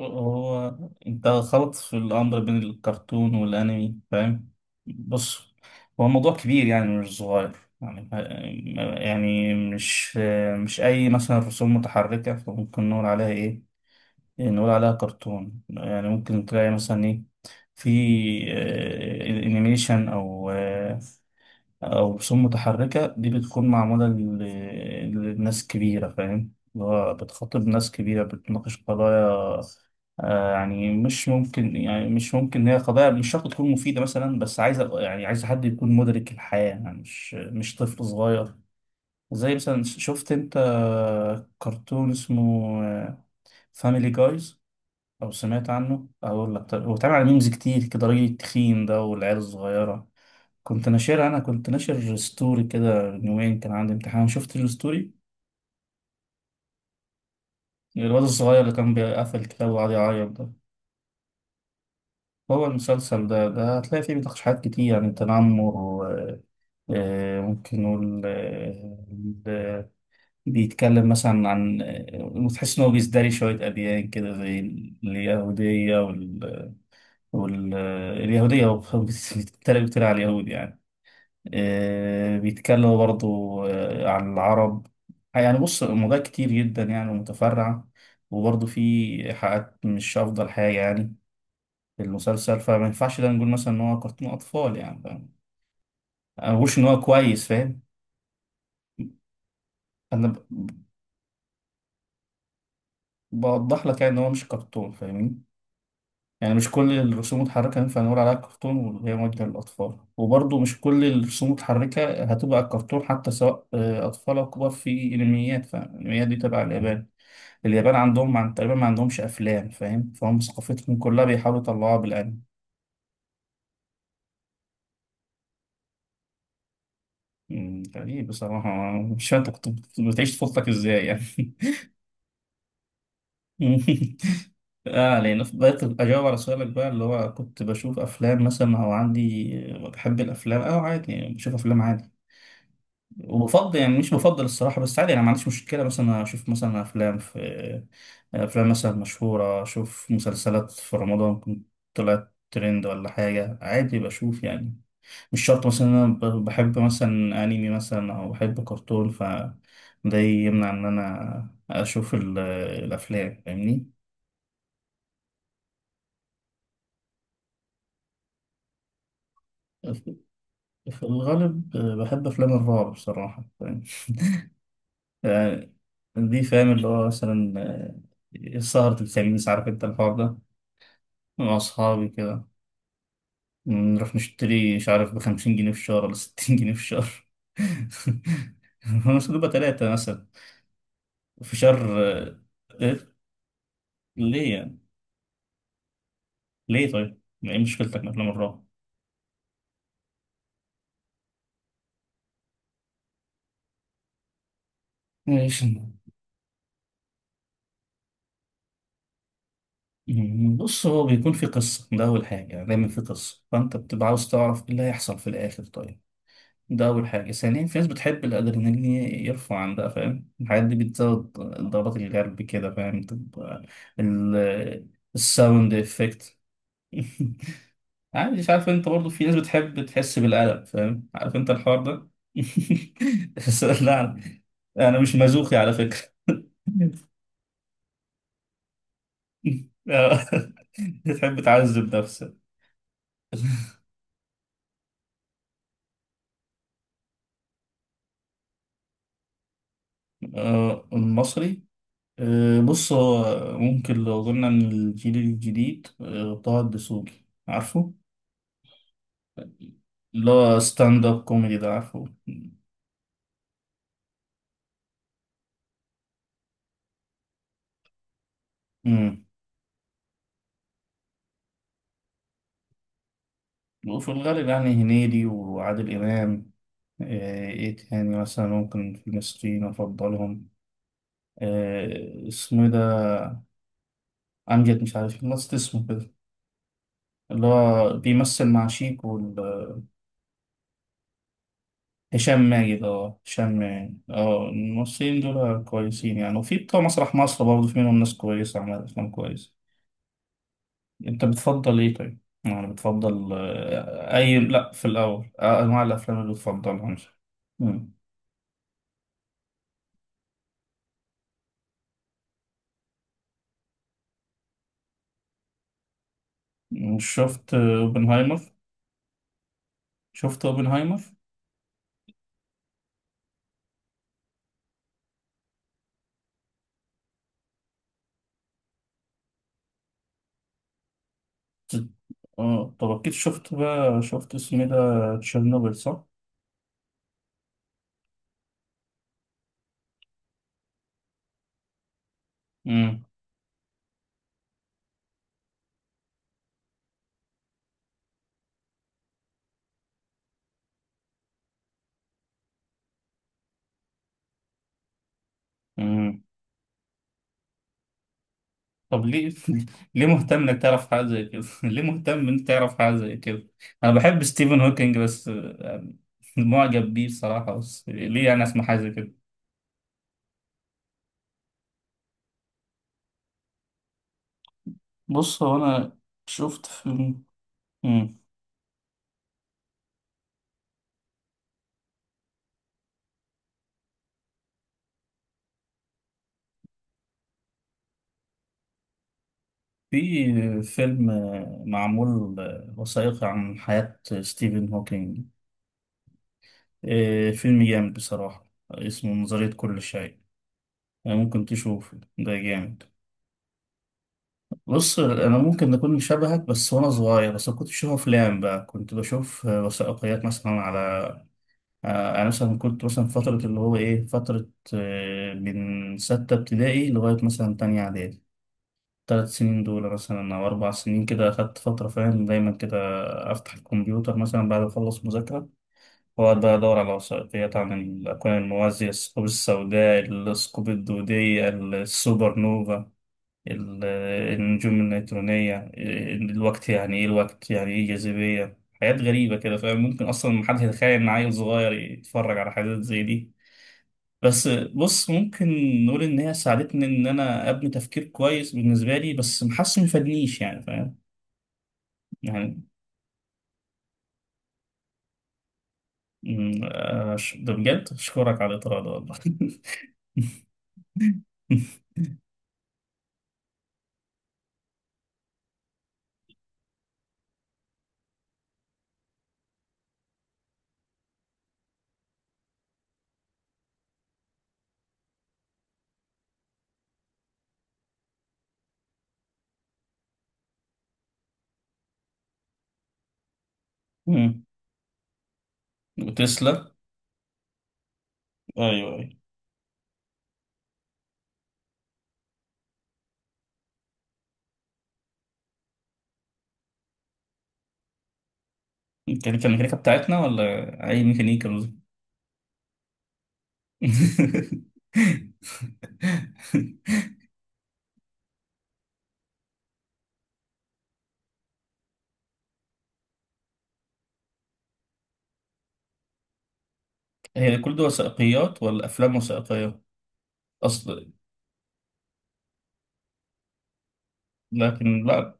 هو انت خلط في الامر بين الكرتون والانمي، فاهم؟ بص، هو الموضوع كبير يعني، مش صغير يعني. يعني مش اي مثلا رسوم متحركه فممكن نقول عليها ايه، نقول عليها كرتون يعني. ممكن تلاقي مثلا ايه، في انيميشن او أو رسوم متحركة، دي بتكون معمولة لناس كبيرة، فاهم؟ اللي هو بتخاطب ناس كبيرة، بتناقش قضايا. يعني مش ممكن، يعني مش ممكن، هي قضايا مش شرط تكون مفيدة مثلا، بس عايزة يعني عايز حد يكون مدرك الحياة، يعني مش طفل صغير. زي مثلا، شفت انت كرتون اسمه فاميلي جايز او سمعت عنه؟ اقول لك طيب، هو اتعمل على ميمز كتير كده، راجل التخين ده والعيال الصغيرة كنت ناشرها، انا كنت ناشر ستوري كده من يومين، كان عندي امتحان شفت الستوري، الواد الصغير اللي كان بيقفل الكتاب وقعد يعيط ده. هو المسلسل ده، ده هتلاقي فيه بتحشيحات كتير، يعني تنمر ممكن نقول بيتكلم مثلا عن وتحس إن هو بيزدري شوية أديان كده، زي اليهودية وال... وال... آه، اليهودية. هو بيتريق على اليهود يعني. بيتكلموا برضو عن العرب. يعني بص، موضوع كتير جدا يعني ومتفرع، وبرضو في حلقات مش أفضل حاجة يعني في المسلسل، فما ينفعش ده نقول مثلا إن هو كرتون أطفال يعني، فاهم؟ أنا ما بقولش إن هو كويس فاهم. أنا بوضح لك يعني إن هو مش كرتون، فاهمني؟ يعني مش كل الرسوم المتحركة ينفع نقول عليها كرتون وهي موجهة للأطفال، وبرضو مش كل الرسوم المتحركة هتبقى كرتون حتى، سواء أطفال أو كبار. في أنميات، فالأنميات دي تبع اليابان. اليابان عندهم عن تقريبا ما عندهمش أفلام، فاهم؟ فهم ثقافتهم كلها بيحاولوا يطلعوها بالأنمي. مم، غريب بصراحة. مش فاهم أنت كنت بتعيش طفولتك إزاي يعني. اه، لان بقيت اجاوب على سؤالك بقى، اللي هو كنت بشوف افلام مثلا او عندي بحب الافلام. اه، عادي يعني، بشوف افلام عادي وبفضل، يعني مش بفضل الصراحه، بس عادي، انا ما عنديش مشكله مثلا اشوف مثلا افلام في افلام مثلا مشهوره، اشوف مسلسلات في رمضان، كنت طلعت ترند ولا حاجه، عادي بشوف يعني. مش شرط مثلا إن أنا بحب مثلا أنمي مثلا أو بحب كرتون ف ده يمنع إن أنا أشوف الأفلام، فاهمني؟ في الغالب بحب أفلام الرعب بصراحة، فاهم؟ يعني دي فاهم اللي هو مثلا سهرة الخميس، عارف أنت الحوار ده، مع أصحابي كده، نروح نشتري مش عارف بـ50 جنيه في الشهر ولا 60 جنيه في الشهر. هو مش بتبقى 3 مثلا في شهر؟ إيه؟ ليه يعني؟ ليه طيب؟ ما ايه مشكلتك من افلام الرعب؟ ماشي. مم، بص، هو بيكون في قصة، ده أول حاجة يعني، دايما في قصة، فأنت بتبقى عاوز تعرف إيه اللي هيحصل في الآخر، طيب. ده أول حاجة. ثانيا، في ناس بتحب الأدرينالين يرفع عن ده، فاهم؟ الحاجات دي بتزود ضربات القلب كده، فاهم؟ تبقى ال- الساوند إفكت. عادي، مش عارف، أنت برضو في ناس بتحب تحس بالقلق، فاهم؟ عارف أنت الحوار ده. بس لا، أنا مش مازوخي على فكرة. آه. تحب تعذب نفسك. المصري. بص، هو ممكن لو قلنا ان الجيل الجديد، طه الدسوقي، عارفه؟ اللي هو ستاند اب كوميدي ده، عارفه؟ امم. وفي الغالب يعني هنيدي وعادل امام. ايه تاني مثلا ممكن في المصريين افضلهم؟ اسمه إيه ده؟ امجد مش عارف، نسيت اسمه كده، اللي هو بيمثل مع شيكو. هشام ماجد. اه، هشام ماجد. اه، الممثلين دول كويسين يعني، وفي بتوع مسرح مصر برضه، في منهم ناس كويسة عملت أفلام كويسة. أنت بتفضل إيه طيب؟ يعني بتفضل أي، لأ، في الأول أنواع الأفلام اللي بتفضلها مثلا. مم. مش شفت أوبنهايمر؟ شفت أوبنهايمر؟ اه، طب أكيد شفت بقى، شفت اسمه إيه ده، تشيرنوبل، صح؟ مم. مم. طب ليه؟ ليه مهتم انك تعرف حاجه زي كده؟ ليه مهتم انك تعرف حاجه زي كده؟ انا بحب ستيفن هوكينج بس معجب بيه بصراحه، بس ليه انا اسمع حاجه زي كده؟ بص هو انا شفت فيلم. مم. في فيلم معمول وثائقي عن حياه ستيفن هوكينج. فيلم جامد بصراحه، اسمه نظريه كل شيء. ممكن تشوفه، ده جامد. بص، انا ممكن نكون شبهك، بس وانا صغير بس كنت بشوف افلام بقى، كنت بشوف وثائقيات مثلا على انا مثلا كنت مثلا فتره، اللي هو ايه، فتره من 6 ابتدائي لغايه مثلا 2 اعدادي، 3 سنين دول مثلا او 4 سنين كده اخدت فتره، فاهم؟ دايما كده افتح الكمبيوتر مثلا بعد ما اخلص مذاكره، واقعد بقى ادور على وثائقيات عن الاكوان الموازيه، الثقوب السوداء، الثقوب الدوديه، السوبر نوفا، ال- النجوم النيترونية، الوقت يعني إيه، الوقت يعني إيه، الجاذبية، حاجات غريبة كده، فاهم؟ ممكن أصلا محدش يتخيل إن عيل صغير يتفرج على حاجات زي دي. بس بص، ممكن نقول إن هي ساعدتني إن أنا أبني تفكير كويس بالنسبة لي، بس محاسس مفادنيش يعني، فاهم؟ يعني أمم، ده بجد أشكرك على الإطراء ده والله. أمم، وتسلا. أيوه أيوه. كان الميكانيكا بتاعتنا ولا أي ميكانيكا؟ هي كل دي وثائقيات ولا أفلام وثائقية؟ أصل، لكن لا.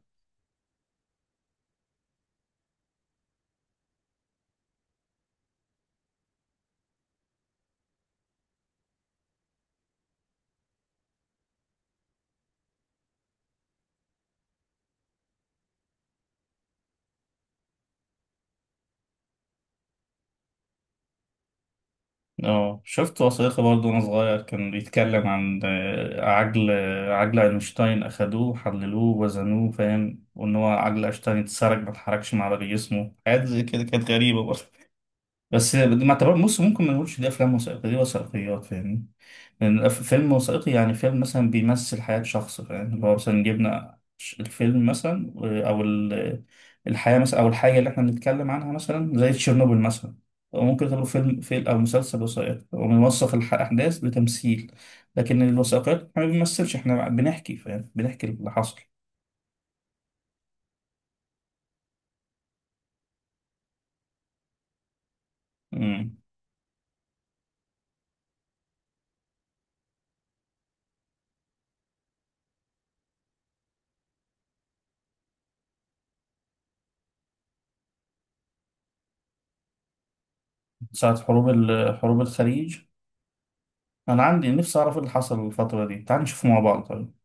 اه، شفت وثائقي برضه وأنا صغير، كان بيتكلم عن عجل، عجل أينشتاين، أخدوه حللوه وزنوه، فاهم؟ وإن هو عجل أينشتاين اتسرق، ما اتحركش مع باقي جسمه، حاجات زي كده كانت غريبة برضه. بس ما اعتبر، بص، ممكن ما نقولش دي أفلام وثائقية، دي وثائقيات، فاهمني؟ يعني فيلم وثائقي يعني فيلم مثلا بيمثل حياة شخص، فاهم؟ اللي هو مثلا جبنا الفيلم مثلا أو الحياة مثلا، أو الحاجة اللي احنا بنتكلم عنها مثلا زي تشيرنوبل مثلا، أو ممكن تعتبره فيلم، أو مسلسل وثائقي، وبنوثق الأحداث بتمثيل. لكن الوثائقيات احنا ما بنمثلش، احنا بنحكي، فاهم؟ بنحكي اللي حصل. مم. ساعة حروب حروب الخليج. أنا عندي نفسي أعرف إيه اللي حصل الفترة دي، تعال نشوف مع بعض طيب.